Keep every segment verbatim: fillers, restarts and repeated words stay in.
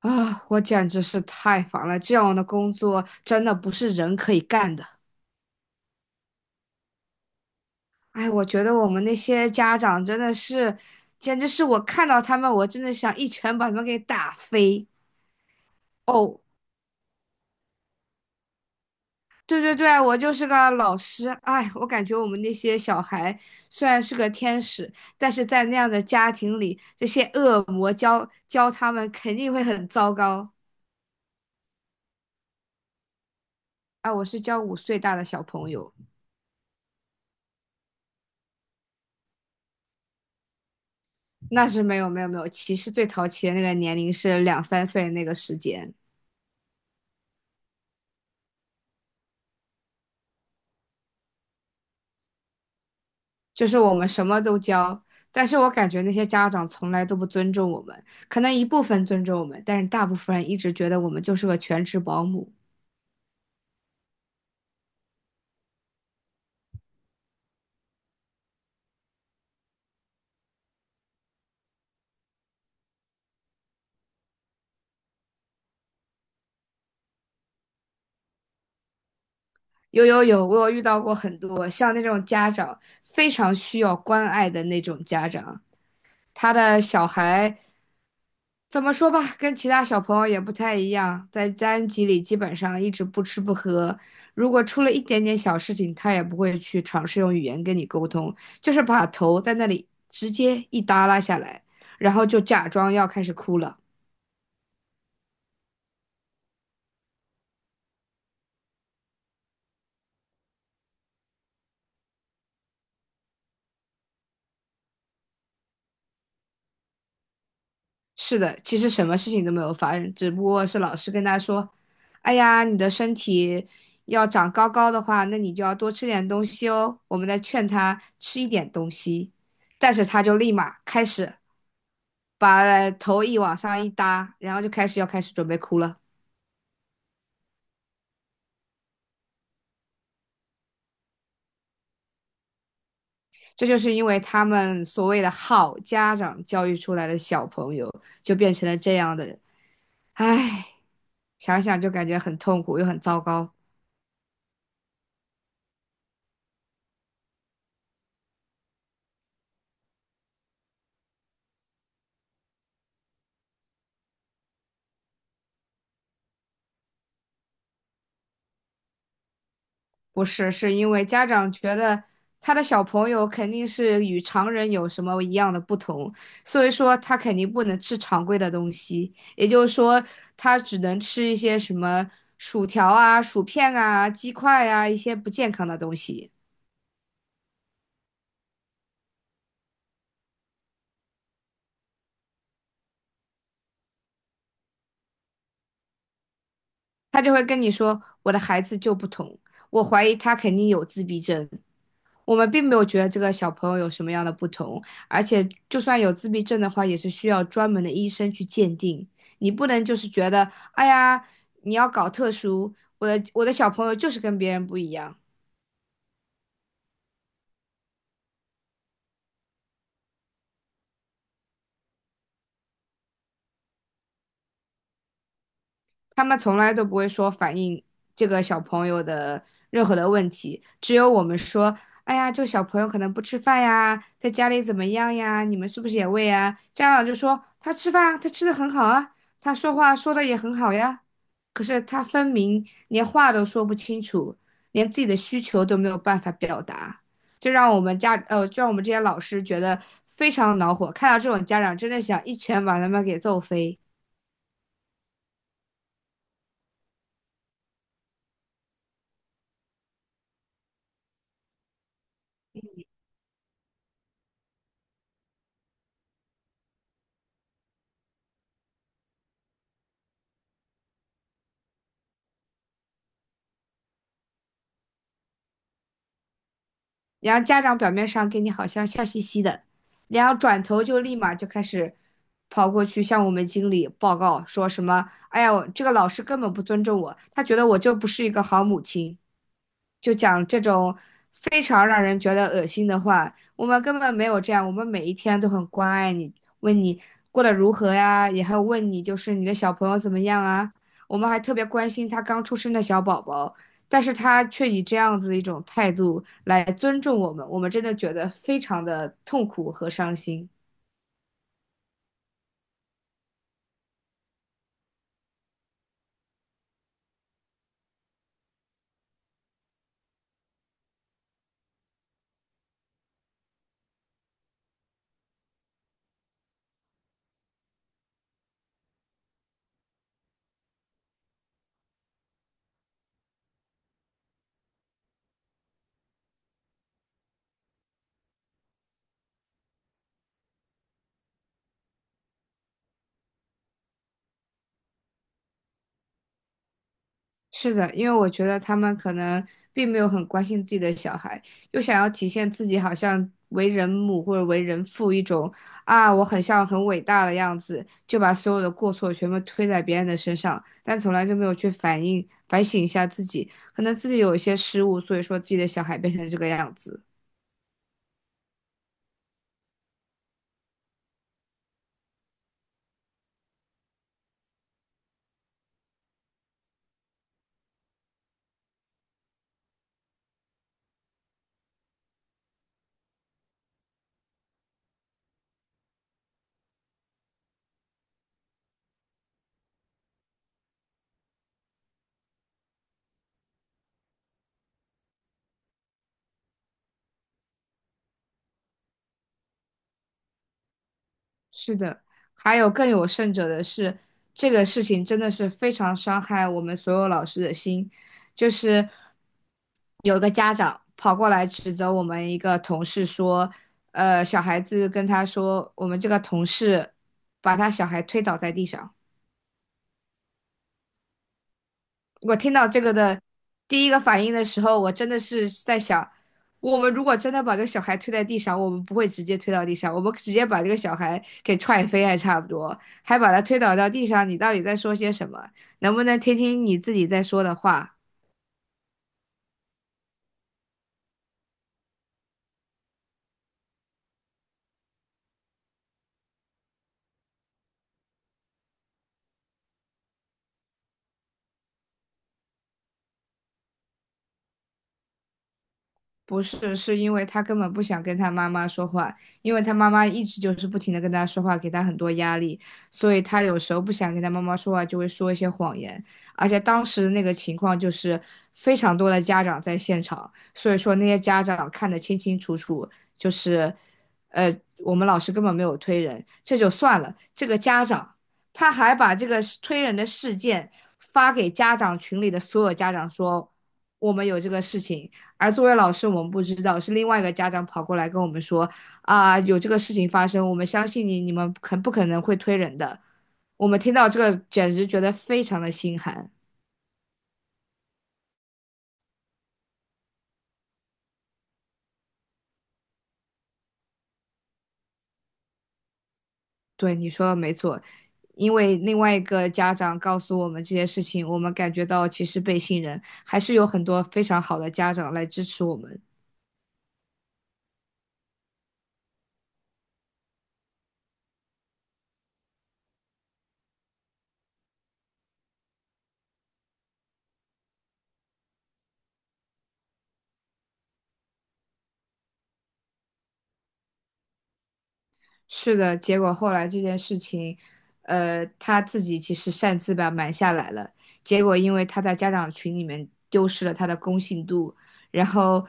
啊，我简直是太烦了！这样的工作真的不是人可以干的。哎，我觉得我们那些家长真的是，简直是我看到他们，我真的想一拳把他们给打飞。哦，对对对，我就是个老师。哎，我感觉我们那些小孩虽然是个天使，但是在那样的家庭里，这些恶魔教教他们肯定会很糟糕。哎，我是教五岁大的小朋友。那是没有没有没有，其实最淘气的那个年龄是两三岁那个时间，就是我们什么都教，但是我感觉那些家长从来都不尊重我们，可能一部分尊重我们，但是大部分人一直觉得我们就是个全职保姆。有有有，我有遇到过很多像那种家长非常需要关爱的那种家长，他的小孩怎么说吧，跟其他小朋友也不太一样，在班级里基本上一直不吃不喝，如果出了一点点小事情，他也不会去尝试用语言跟你沟通，就是把头在那里直接一耷拉下来，然后就假装要开始哭了。是的，其实什么事情都没有发生，只不过是老师跟他说：“哎呀，你的身体要长高高的话，那你就要多吃点东西哦。”我们在劝他吃一点东西，但是他就立马开始。把头一往上一搭，然后就开始要开始准备哭了。这就是因为他们所谓的好家长教育出来的小朋友，就变成了这样的人。唉，想想就感觉很痛苦又很糟糕。不是，是因为家长觉得他的小朋友肯定是与常人有什么一样的不同，所以说他肯定不能吃常规的东西，也就是说他只能吃一些什么薯条啊、薯片啊、鸡块啊一些不健康的东西。他就会跟你说：“我的孩子就不同，我怀疑他肯定有自闭症。”我们并没有觉得这个小朋友有什么样的不同，而且就算有自闭症的话，也是需要专门的医生去鉴定。你不能就是觉得，哎呀，你要搞特殊，我的我的小朋友就是跟别人不一样。他们从来都不会说反映这个小朋友的任何的问题，只有我们说，哎呀，这个小朋友可能不吃饭呀，在家里怎么样呀？你们是不是也喂啊？家长就说他吃饭啊他吃的很好啊，他说话说的也很好呀。可是他分明连话都说不清楚，连自己的需求都没有办法表达，这让我们家呃，就让我们这些老师觉得非常恼火。看到这种家长，真的想一拳把他们给揍飞。然后家长表面上跟你好像笑嘻嘻的，然后转头就立马就开始跑过去向我们经理报告，说什么：“哎呀，我这个老师根本不尊重我，他觉得我就不是一个好母亲。”就讲这种非常让人觉得恶心的话。我们根本没有这样，我们每一天都很关爱你，问你过得如何呀，也还有问你就是你的小朋友怎么样啊。我们还特别关心他刚出生的小宝宝，但是他却以这样子的一种态度来尊重我们，我们真的觉得非常的痛苦和伤心。是的，因为我觉得他们可能并没有很关心自己的小孩，又想要体现自己好像为人母或者为人父一种啊，我很像很伟大的样子，就把所有的过错全部推在别人的身上，但从来就没有去反应反省一下自己，可能自己有一些失误，所以说自己的小孩变成这个样子。是的，还有更有甚者的是，这个事情真的是非常伤害我们所有老师的心。就是有个家长跑过来指责我们一个同事说，呃，小孩子跟他说，我们这个同事把他小孩推倒在地上。我听到这个的第一个反应的时候，我真的是在想，我们如果真的把这个小孩推在地上，我们不会直接推到地上，我们直接把这个小孩给踹飞还差不多，还把他推倒到地上，你到底在说些什么？能不能听听你自己在说的话？不是，是因为他根本不想跟他妈妈说话，因为他妈妈一直就是不停的跟他说话，给他很多压力，所以他有时候不想跟他妈妈说话，就会说一些谎言。而且当时那个情况就是非常多的家长在现场，所以说那些家长看得清清楚楚，就是，呃，我们老师根本没有推人，这就算了，这个家长他还把这个推人的事件发给家长群里的所有家长说，我们有这个事情。而作为老师，我们不知道，是另外一个家长跑过来跟我们说啊，有这个事情发生，我们相信你，你们很不可能会推人的。我们听到这个，简直觉得非常的心寒。对，你说的没错，因为另外一个家长告诉我们这些事情，我们感觉到其实被信任，还是有很多非常好的家长来支持我们。是的，结果后来这件事情，呃，他自己其实擅自把瞒下来了。结果因为他在家长群里面丢失了他的公信度，然后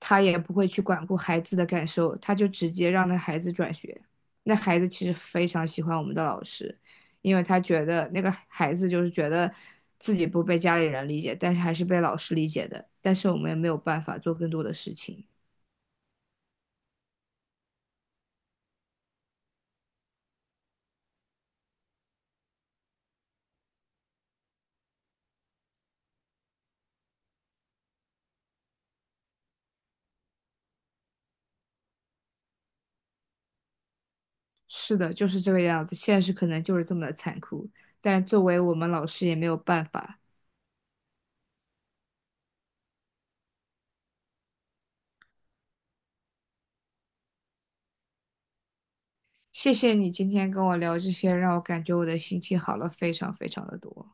他也不会去管顾孩子的感受，他就直接让那孩子转学。那孩子其实非常喜欢我们的老师，因为他觉得那个孩子就是觉得自己不被家里人理解，但是还是被老师理解的。但是我们也没有办法做更多的事情。是的，就是这个样子，现实可能就是这么的残酷，但作为我们老师也没有办法。谢谢你今天跟我聊这些，让我感觉我的心情好了非常非常的多。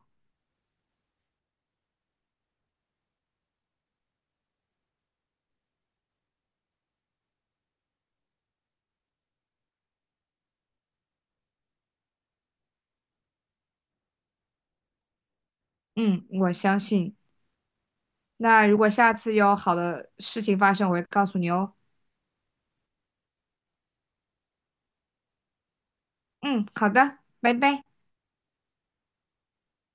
嗯，我相信。那如果下次有好的事情发生，我会告诉你哦。嗯，好的，拜拜。